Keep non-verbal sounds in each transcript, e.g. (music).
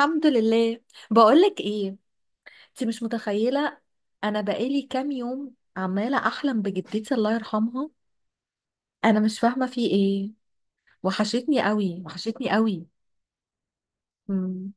الحمد لله. بقولك ايه، انت مش متخيله. انا بقالي كام يوم عماله احلم بجدتي، الله يرحمها. انا مش فاهمه في ايه. وحشتني قوي وحشتني قوي. مم.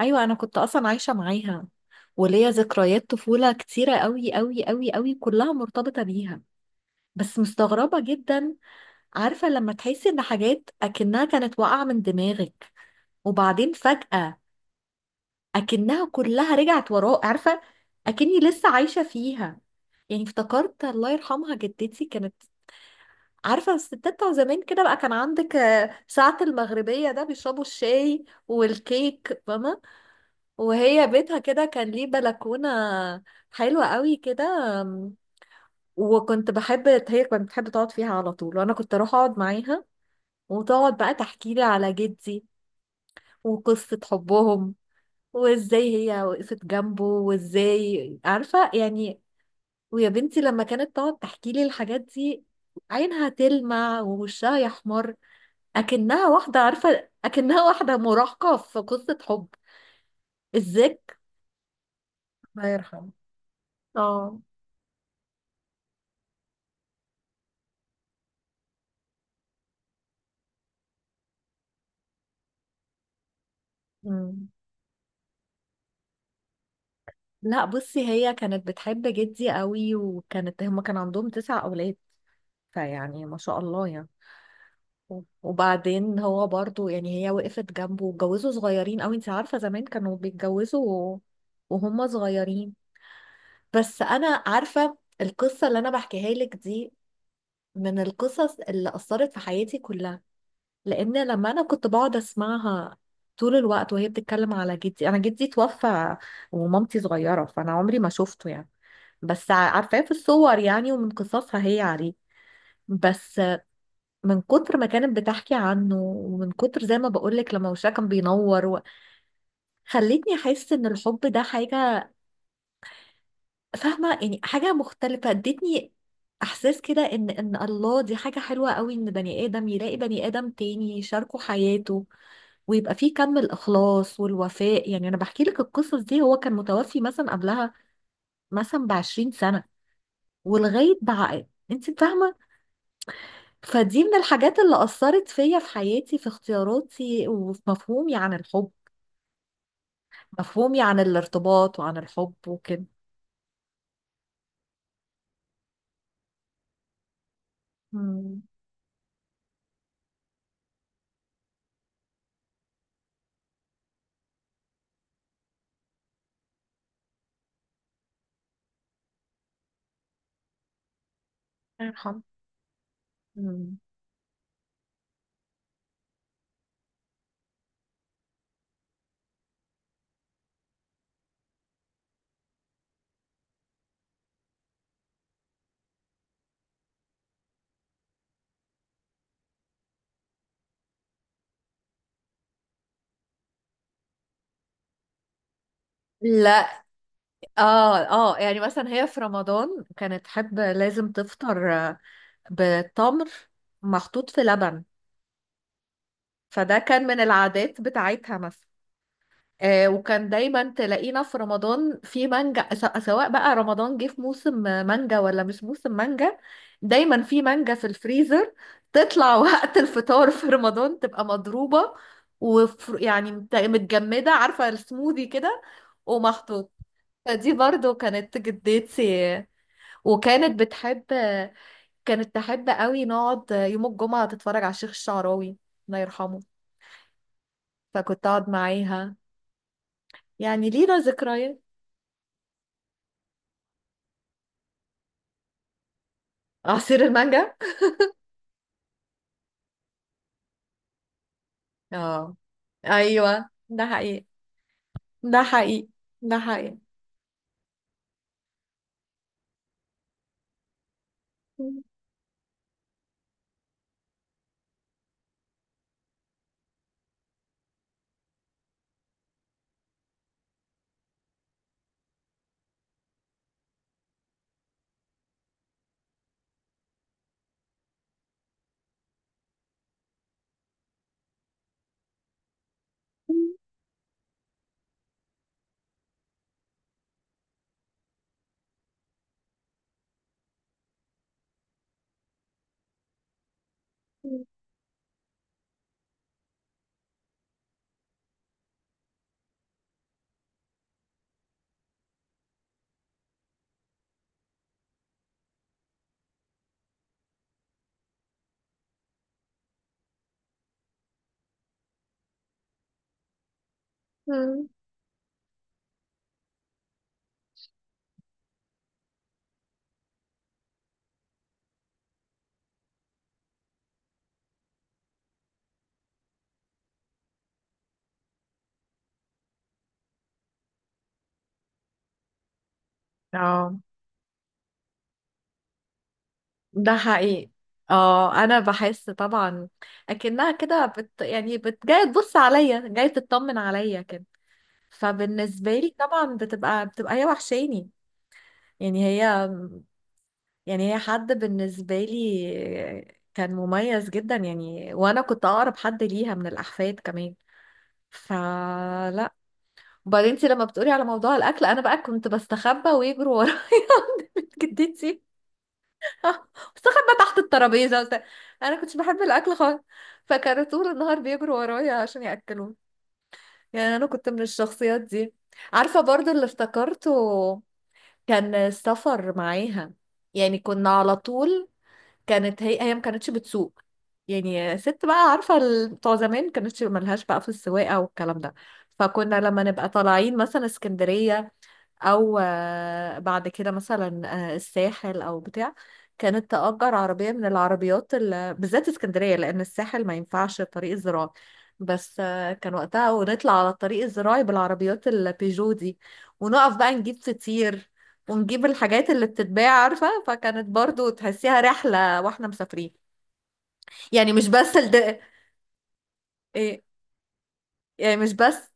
ايوه انا كنت اصلا عايشه معاها، وليا ذكريات طفوله كتيره قوي قوي قوي قوي كلها مرتبطه بيها، بس مستغربه جدا. عارفه لما تحسي ان حاجات اكنها كانت واقعه من دماغك، وبعدين فجأة اكنها كلها رجعت وراه، عارفه، اكني لسه عايشه فيها. يعني افتكرت الله يرحمها جدتي كانت، عارفه الستات بتوع زمان كده بقى، كان عندك ساعه المغربيه ده بيشربوا الشاي والكيك، فاهمه. وهي بيتها كده كان ليه بلكونه حلوه قوي كده. آم، وكنت بحب، هي كانت بتحب تقعد فيها على طول، وانا كنت اروح اقعد معاها، وتقعد بقى تحكي لي على جدي وقصه حبهم، وازاي هي وقفت جنبه وازاي، عارفة يعني. ويا بنتي لما كانت تقعد تحكي لي الحاجات دي، عينها تلمع ووشها يحمر، اكنها واحدة، عارفة اكنها واحدة مراهقة في قصة حب. الذك الله يرحمه. اه. مم. لا بصي، هي كانت بتحب جدي قوي، وكانت هما كان عندهم 9 اولاد، فيعني ما شاء الله يعني. وبعدين هو برضو يعني هي وقفت جنبه واتجوزوا صغيرين قوي. انت عارفة زمان كانوا بيتجوزوا و- وهم صغيرين. بس انا عارفة القصة اللي انا بحكيها لك دي من القصص اللي أثرت في حياتي كلها، لأن لما أنا كنت بقعد أسمعها طول الوقت وهي بتتكلم على جدي، أنا جدي توفى ومامتي صغيرة، فأنا عمري ما شفته يعني، بس عارفاه في الصور يعني ومن قصصها هي عليه، بس من كتر ما كانت بتحكي عنه ومن كتر زي ما بقولك لما وشها كان بينور، خلتني احس ان الحب ده حاجة، فاهمة يعني، حاجة مختلفة. ادتني احساس كده ان الله دي حاجة حلوة قوي، ان بني ادم يلاقي بني ادم تاني يشاركه حياته، ويبقى فيه كم الاخلاص والوفاء. يعني انا بحكي لك القصص دي، هو كان متوفي مثلا قبلها مثلا بـ20 سنة، ولغاية بقى انت فاهمة. فدي من الحاجات اللي أثرت فيا في حياتي، في اختياراتي، وفي مفهومي عن الحب، مفهومي عن الارتباط وعن الحب وكده. مم. الله يرحمه. مم. لا، اه اه. يعني مثلا هي في رمضان كانت تحب لازم تفطر بتمر محطوط في لبن، فده كان من العادات بتاعتها مثلا. وكان دايما تلاقينا في رمضان في مانجا، سواء بقى رمضان جه في موسم مانجا ولا مش موسم مانجا، دايما في مانجا في الفريزر، تطلع (laughs) وقت الفطار في رمضان تبقى مضروبة، ويعني متجمدة، عارفة السموذي كده ومخطوط. فدي برضو كانت جدتي. وكانت بتحب، كانت تحب قوي نقعد يوم الجمعة تتفرج على الشيخ الشعراوي، الله يرحمه، فكنت اقعد معاها. يعني لينا ذكريات. عصير المانجا. اه. ايوه ده حقيقي، ده حقيقي. ده حقيقي. (laughs) اه، ده حقيقي. اه انا بحس طبعا اكنها كده بت جايه تبص عليا، جايه تطمن عليا كده، فبالنسبه لي طبعا بتبقى هي وحشاني. يعني هي، يعني هي حد بالنسبه لي كان مميز جدا، يعني وانا كنت اقرب حد ليها من الاحفاد كمان. فلا. وبعدين انت لما بتقولي على موضوع الاكل، انا بقى كنت بستخبى ويجروا ورايا (laughs) عند بيت جدتي. بستخبى تحت الترابيزه وبتاع. انا كنتش بحب الاكل خالص، فكانوا طول النهار بيجروا ورايا عشان ياكلوني. يعني انا كنت من الشخصيات دي. عارفه برضو اللي افتكرته، كان السفر معاها. يعني كنا على طول، كانت هي ما كانتش بتسوق. يعني ست بقى، عارفه بتوع زمان كانتش ملهاش بقى في السواقه والكلام ده. فكنا لما نبقى طالعين مثلا اسكندريه، او بعد كده مثلا الساحل او بتاع، كانت تأجر عربية من العربيات بالذات اسكندرية، لأن الساحل ما ينفعش الطريق الزراعي، بس كان وقتها، ونطلع على الطريق الزراعي بالعربيات البيجو دي، ونقف بقى نجيب فطير ونجيب الحاجات اللي بتتباع، عارفة، فكانت برضو تحسيها رحلة واحنا مسافرين. يعني مش بس الد... إيه يعني مش بس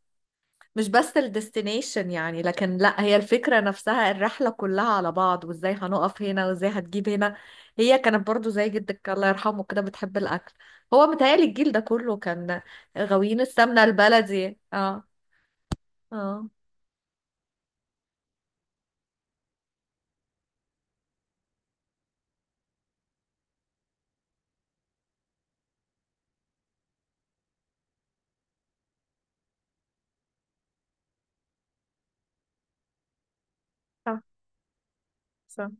مش بس الديستنيشن يعني، لكن لا، هي الفكرة نفسها الرحلة كلها على بعض وازاي هنقف هنا وازاي هتجيب هنا. هي كانت برضو زي جدك الله يرحمه كده بتحب الأكل. هو متهيألي الجيل ده كله كان غاويين السمنة البلدي. اه. اه. صح، صح.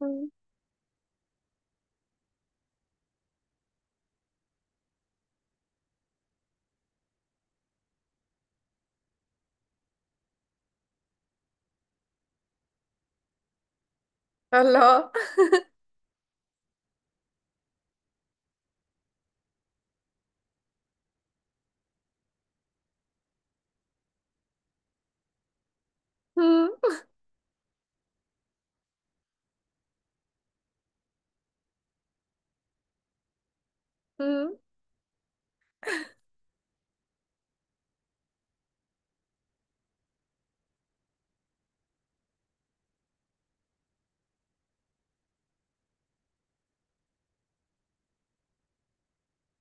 مم. الله. (laughs) مم.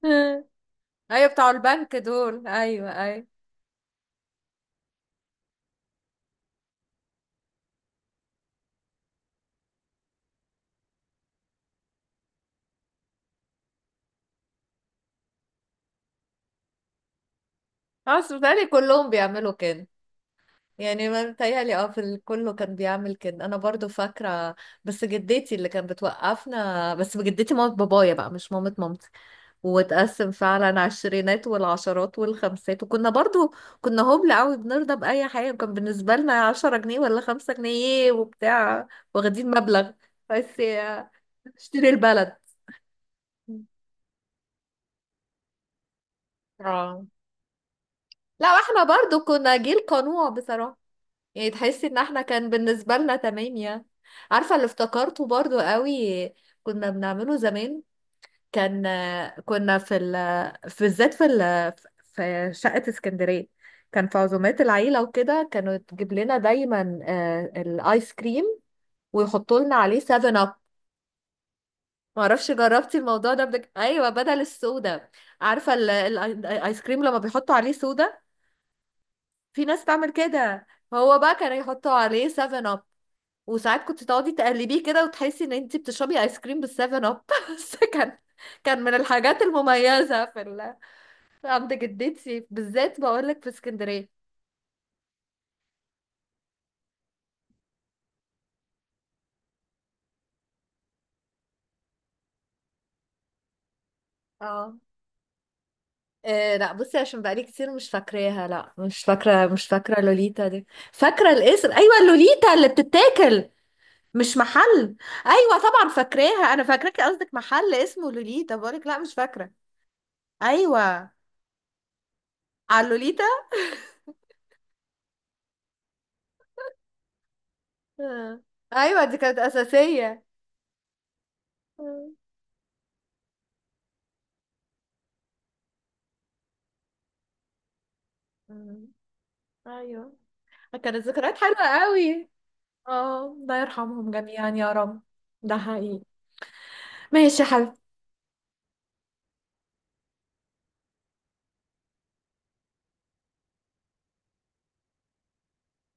مم. ايوه بتاع البنك دول، ايوه ايوه. خلاص بيتهيألي كلهم بيعملوا كده. يعني ما متهيألي اه في كله كان بيعمل كده، انا برضو فاكره، بس جدتي اللي كانت بتوقفنا، بس جدتي مامت بابايا بقى مش مامت مامتي، وتقسم فعلا على الشرينات والعشرات والخمسات. وكنا برضو كنا هبل قوي، بنرضى بأي حاجه، وكان بالنسبه لنا 10 جنيه ولا 5 جنيه إيه وبتاع، واخدين مبلغ، بس يا- اشتري البلد. اه. لا واحنا برضو كنا جيل قنوع بصراحه، يعني تحسي ان احنا كان بالنسبة لنا تمام يعني. عارفة اللي افتكرته برضو قوي كنا بنعمله زمان، كان، كنا في في بالذات في في شقة اسكندرية، كان في عزومات العيلة وكده، كانوا تجيب لنا دايما الايس كريم، ويحطوا لنا عليه 7 اب. معرفش جربتي الموضوع ده، ايوه بدل السودا. عارفة الايس كريم لما بيحطوا عليه سودا، في ناس تعمل كده، هو بقى كان يحطوا عليه 7 اب، وساعات كنت تقعدي تقلبيه كده وتحسي ان انت بتشربي ايس كريم بالسفن اب. (laughs) بس كان، كان من الحاجات المميزة في عند جدتي بالذات بقولك في اسكندرية. اه. إيه لا بصي، عشان بقالي كتير مش فاكراها، لا مش فاكرة، مش فاكرة لوليتا دي. فاكرة الاسم، ايوه اللوليتا اللي بتتاكل، مش محل. ايوه طبعا فاكراها، انا فاكراك قصدك محل اسمه لوليتا، بقولك لا مش فاكرة. ايوه على اللوليتا. آه. ايوه دي كانت اساسية. آه. ايوه كانت ذكريات حلوة قوي. اه الله يرحمهم جميعا يا رب. ده حقيقي. ماشي يا حبيبتي.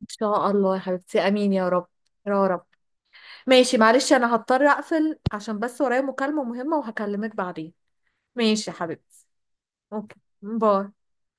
ان شاء الله يا حبيبتي، امين يا رب، يا رب. ماشي معلش انا هضطر اقفل عشان بس ورايا مكالمة مهمة، وهكلمك بعدين. ماشي يا حبيبتي. اوكي. باي.